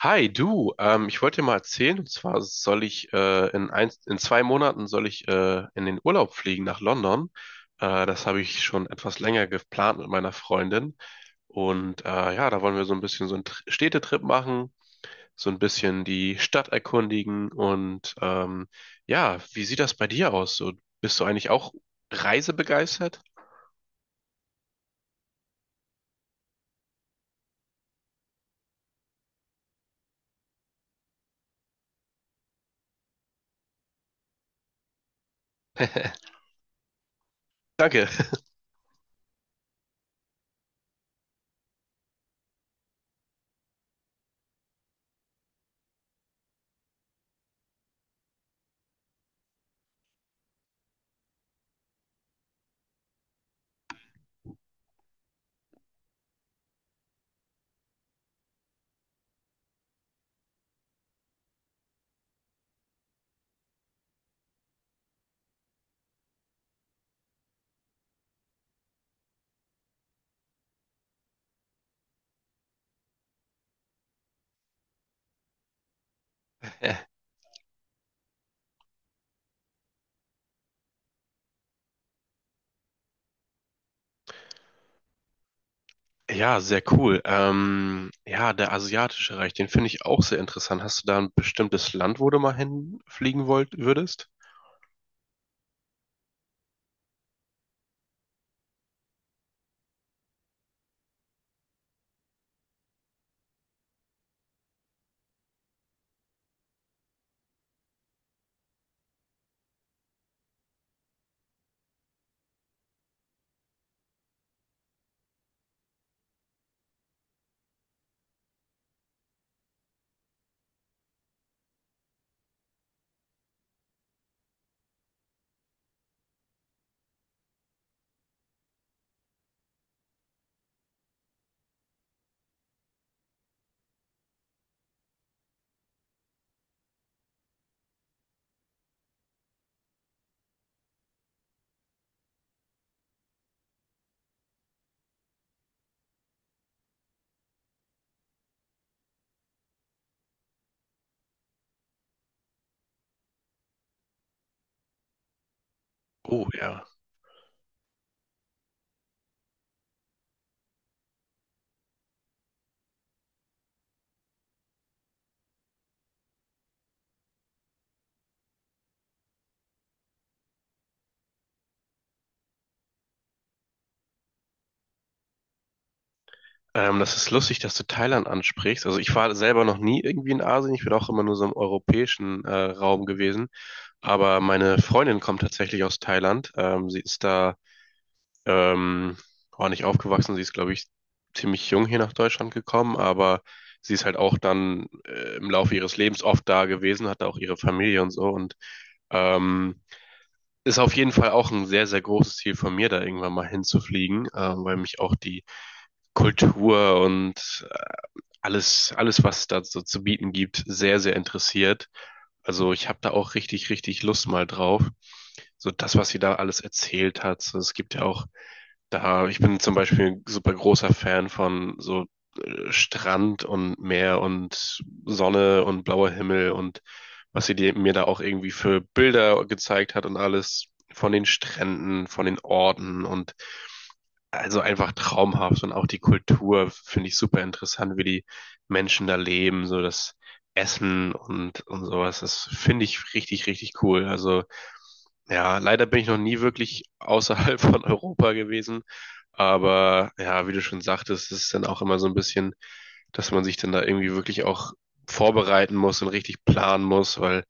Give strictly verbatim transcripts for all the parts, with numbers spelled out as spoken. Hi, du, ähm, ich wollte dir mal erzählen, und zwar soll ich äh, in ein, in zwei Monaten soll ich äh, in den Urlaub fliegen nach London. Äh, das habe ich schon etwas länger geplant mit meiner Freundin. Und äh, ja, da wollen wir so ein bisschen so einen Tr- Städtetrip machen, so ein bisschen die Stadt erkundigen. Und ähm, ja, wie sieht das bei dir aus? So, bist du eigentlich auch reisebegeistert? Danke. Ja. Ja, sehr cool. Ähm, ja, der asiatische Reich, den finde ich auch sehr interessant. Hast du da ein bestimmtes Land, wo du mal hinfliegen wollt, würdest? Oh ja. Ähm, das ist lustig, dass du Thailand ansprichst. Also ich war selber noch nie irgendwie in Asien. Ich bin auch immer nur so im europäischen äh, Raum gewesen. Aber meine Freundin kommt tatsächlich aus Thailand. Ähm, sie ist da ähm, auch nicht aufgewachsen. Sie ist, glaube ich, ziemlich jung hier nach Deutschland gekommen, aber sie ist halt auch dann äh, im Laufe ihres Lebens oft da gewesen, hat auch ihre Familie und so und ähm, ist auf jeden Fall auch ein sehr, sehr großes Ziel von mir, da irgendwann mal hinzufliegen, ähm, weil mich auch die Kultur und äh, alles, alles, was es da so zu bieten gibt, sehr, sehr interessiert. Also ich habe da auch richtig, richtig Lust mal drauf. So das, was sie da alles erzählt hat. So, es gibt ja auch da, ich bin zum Beispiel ein super großer Fan von so äh, Strand und Meer und Sonne und blauer Himmel und was sie dir- mir da auch irgendwie für Bilder gezeigt hat und alles von den Stränden, von den Orten und also einfach traumhaft und auch die Kultur finde ich super interessant, wie die Menschen da leben, so das Essen und, und sowas. Das finde ich richtig, richtig cool. Also ja, leider bin ich noch nie wirklich außerhalb von Europa gewesen. Aber ja, wie du schon sagtest, ist es dann auch immer so ein bisschen, dass man sich dann da irgendwie wirklich auch vorbereiten muss und richtig planen muss, weil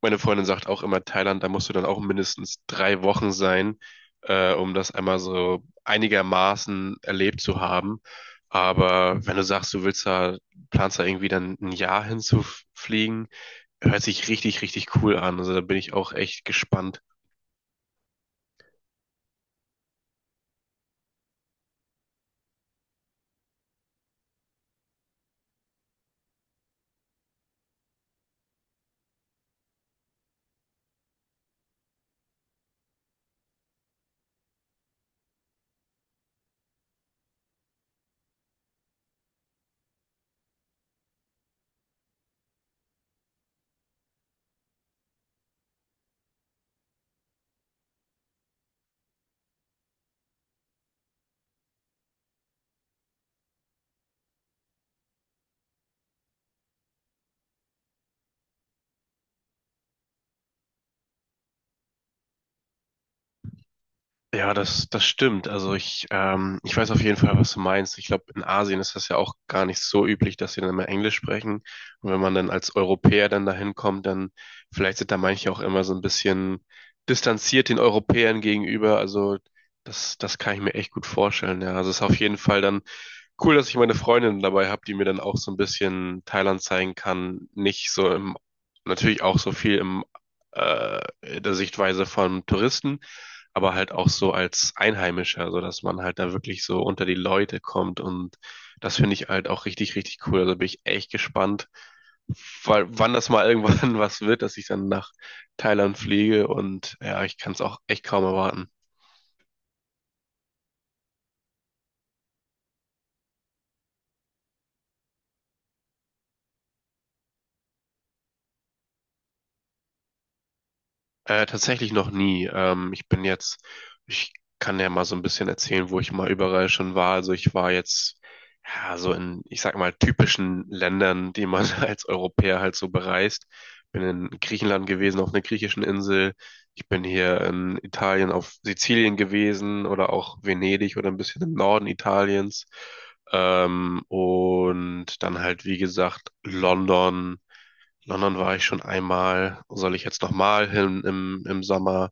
meine Freundin sagt auch immer, Thailand, da musst du dann auch mindestens drei Wochen sein, äh, um das einmal so einigermaßen erlebt zu haben. Aber wenn du sagst, du willst da, planst da irgendwie dann ein Jahr hinzufliegen, hört sich richtig, richtig cool an. Also da bin ich auch echt gespannt. Ja, das, das stimmt. Also ich, ähm, ich weiß auf jeden Fall, was du meinst. Ich glaube, in Asien ist das ja auch gar nicht so üblich, dass sie dann immer Englisch sprechen. Und wenn man dann als Europäer dann dahin kommt, dann vielleicht sind da manche auch immer so ein bisschen distanziert den Europäern gegenüber. Also das, das kann ich mir echt gut vorstellen. Ja, also es ist auf jeden Fall dann cool, dass ich meine Freundin dabei habe, die mir dann auch so ein bisschen Thailand zeigen kann. Nicht so im, natürlich auch so viel im, äh, in der Sichtweise von Touristen, aber halt auch so als Einheimischer, so dass man halt da wirklich so unter die Leute kommt und das finde ich halt auch richtig, richtig cool. Also bin ich echt gespannt, weil, wann das mal irgendwann was wird, dass ich dann nach Thailand fliege und ja, ich kann es auch echt kaum erwarten. Äh, tatsächlich noch nie. Ähm, ich bin jetzt, ich kann ja mal so ein bisschen erzählen, wo ich mal überall schon war. Also ich war jetzt ja, so in, ich sag mal, typischen Ländern, die man als Europäer halt so bereist. Bin in Griechenland gewesen, auf einer griechischen Insel. Ich bin hier in Italien auf Sizilien gewesen oder auch Venedig oder ein bisschen im Norden Italiens. Ähm, und dann halt, wie gesagt, London. London war ich schon einmal, soll ich jetzt nochmal hin im, im Sommer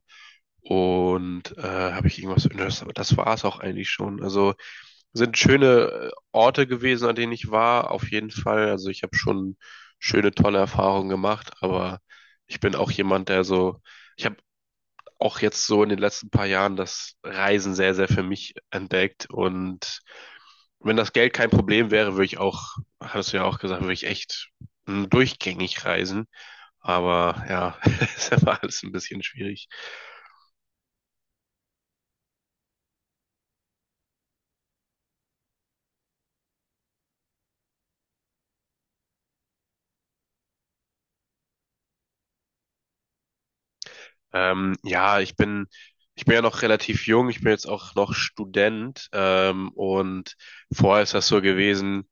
und äh, habe ich irgendwas, das, das war es auch eigentlich schon. Also sind schöne äh, Orte gewesen, an denen ich war, auf jeden Fall. Also ich habe schon schöne, tolle Erfahrungen gemacht, aber ich bin auch jemand, der so, ich habe auch jetzt so in den letzten paar Jahren das Reisen sehr, sehr für mich entdeckt und wenn das Geld kein Problem wäre, würde ich auch, hast du ja auch gesagt, würde ich echt mm, durchgängig reisen. Aber ja, ist immer alles ein bisschen schwierig. Ähm, ja, ich bin, ich bin ja noch relativ jung, ich bin jetzt auch noch Student, ähm, und vorher ist das so gewesen.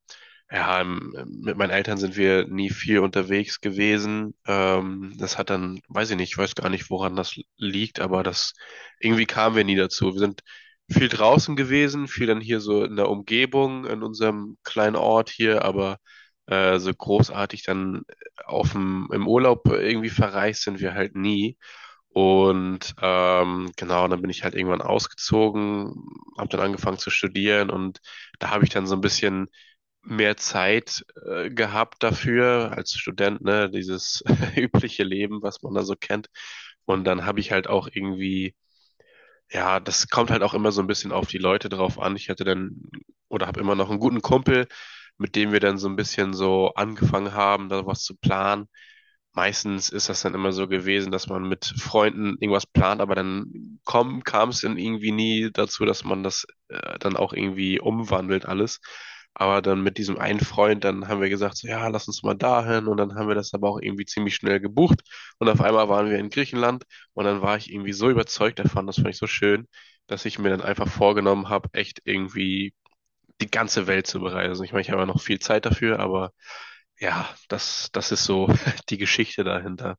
Ja, ähm, mit meinen Eltern sind wir nie viel unterwegs gewesen. Ähm, das hat dann, weiß ich nicht, ich weiß gar nicht, woran das liegt, aber das irgendwie kamen wir nie dazu. Wir sind viel draußen gewesen, viel dann hier so in der Umgebung, in unserem kleinen Ort hier, aber äh, so großartig dann auf dem, im Urlaub irgendwie verreist sind wir halt nie. Und ähm, genau, dann bin ich halt irgendwann ausgezogen, habe dann angefangen zu studieren und da habe ich dann so ein bisschen mehr Zeit äh, gehabt dafür als Student, ne, dieses übliche Leben, was man da so kennt. Und dann habe ich halt auch irgendwie ja, das kommt halt auch immer so ein bisschen auf die Leute drauf an. Ich hatte dann oder habe immer noch einen guten Kumpel, mit dem wir dann so ein bisschen so angefangen haben, da was zu planen. Meistens ist das dann immer so gewesen, dass man mit Freunden irgendwas plant, aber dann komm, kam es dann irgendwie nie dazu, dass man das äh, dann auch irgendwie umwandelt alles. Aber dann mit diesem einen Freund, dann haben wir gesagt, so, ja, lass uns mal dahin und dann haben wir das aber auch irgendwie ziemlich schnell gebucht und auf einmal waren wir in Griechenland und dann war ich irgendwie so überzeugt davon, das fand ich so schön, dass ich mir dann einfach vorgenommen habe, echt irgendwie die ganze Welt zu bereisen. Ich meine, ich habe ja noch viel Zeit dafür, aber ja, das, das ist so die Geschichte dahinter.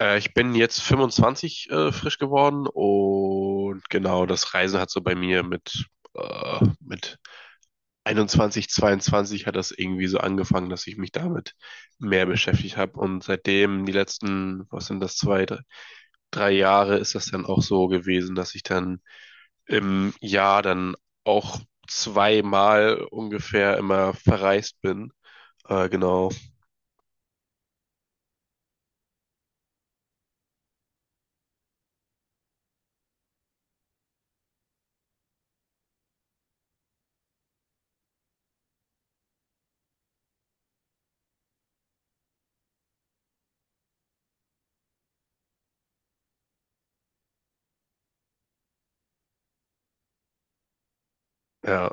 Äh, ich bin jetzt fünfundzwanzig äh, frisch geworden und genau, das Reisen hat so bei mir mit, äh, mit einundzwanzig, zweiundzwanzig hat das irgendwie so angefangen, dass ich mich damit mehr beschäftigt habe. Und seitdem die letzten, was sind das, zwei, drei, drei Jahre ist das dann auch so gewesen, dass ich dann im Jahr dann auch zweimal ungefähr immer verreist bin. Äh, genau. Ja.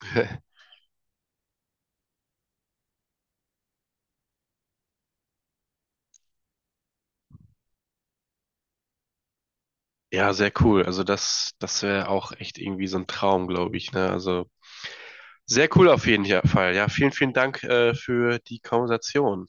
Ja, sehr cool. Also das, das wäre auch echt irgendwie so ein Traum, glaube ich, ne? Also sehr cool auf jeden Fall. Ja, vielen, vielen Dank, äh, für die Konversation.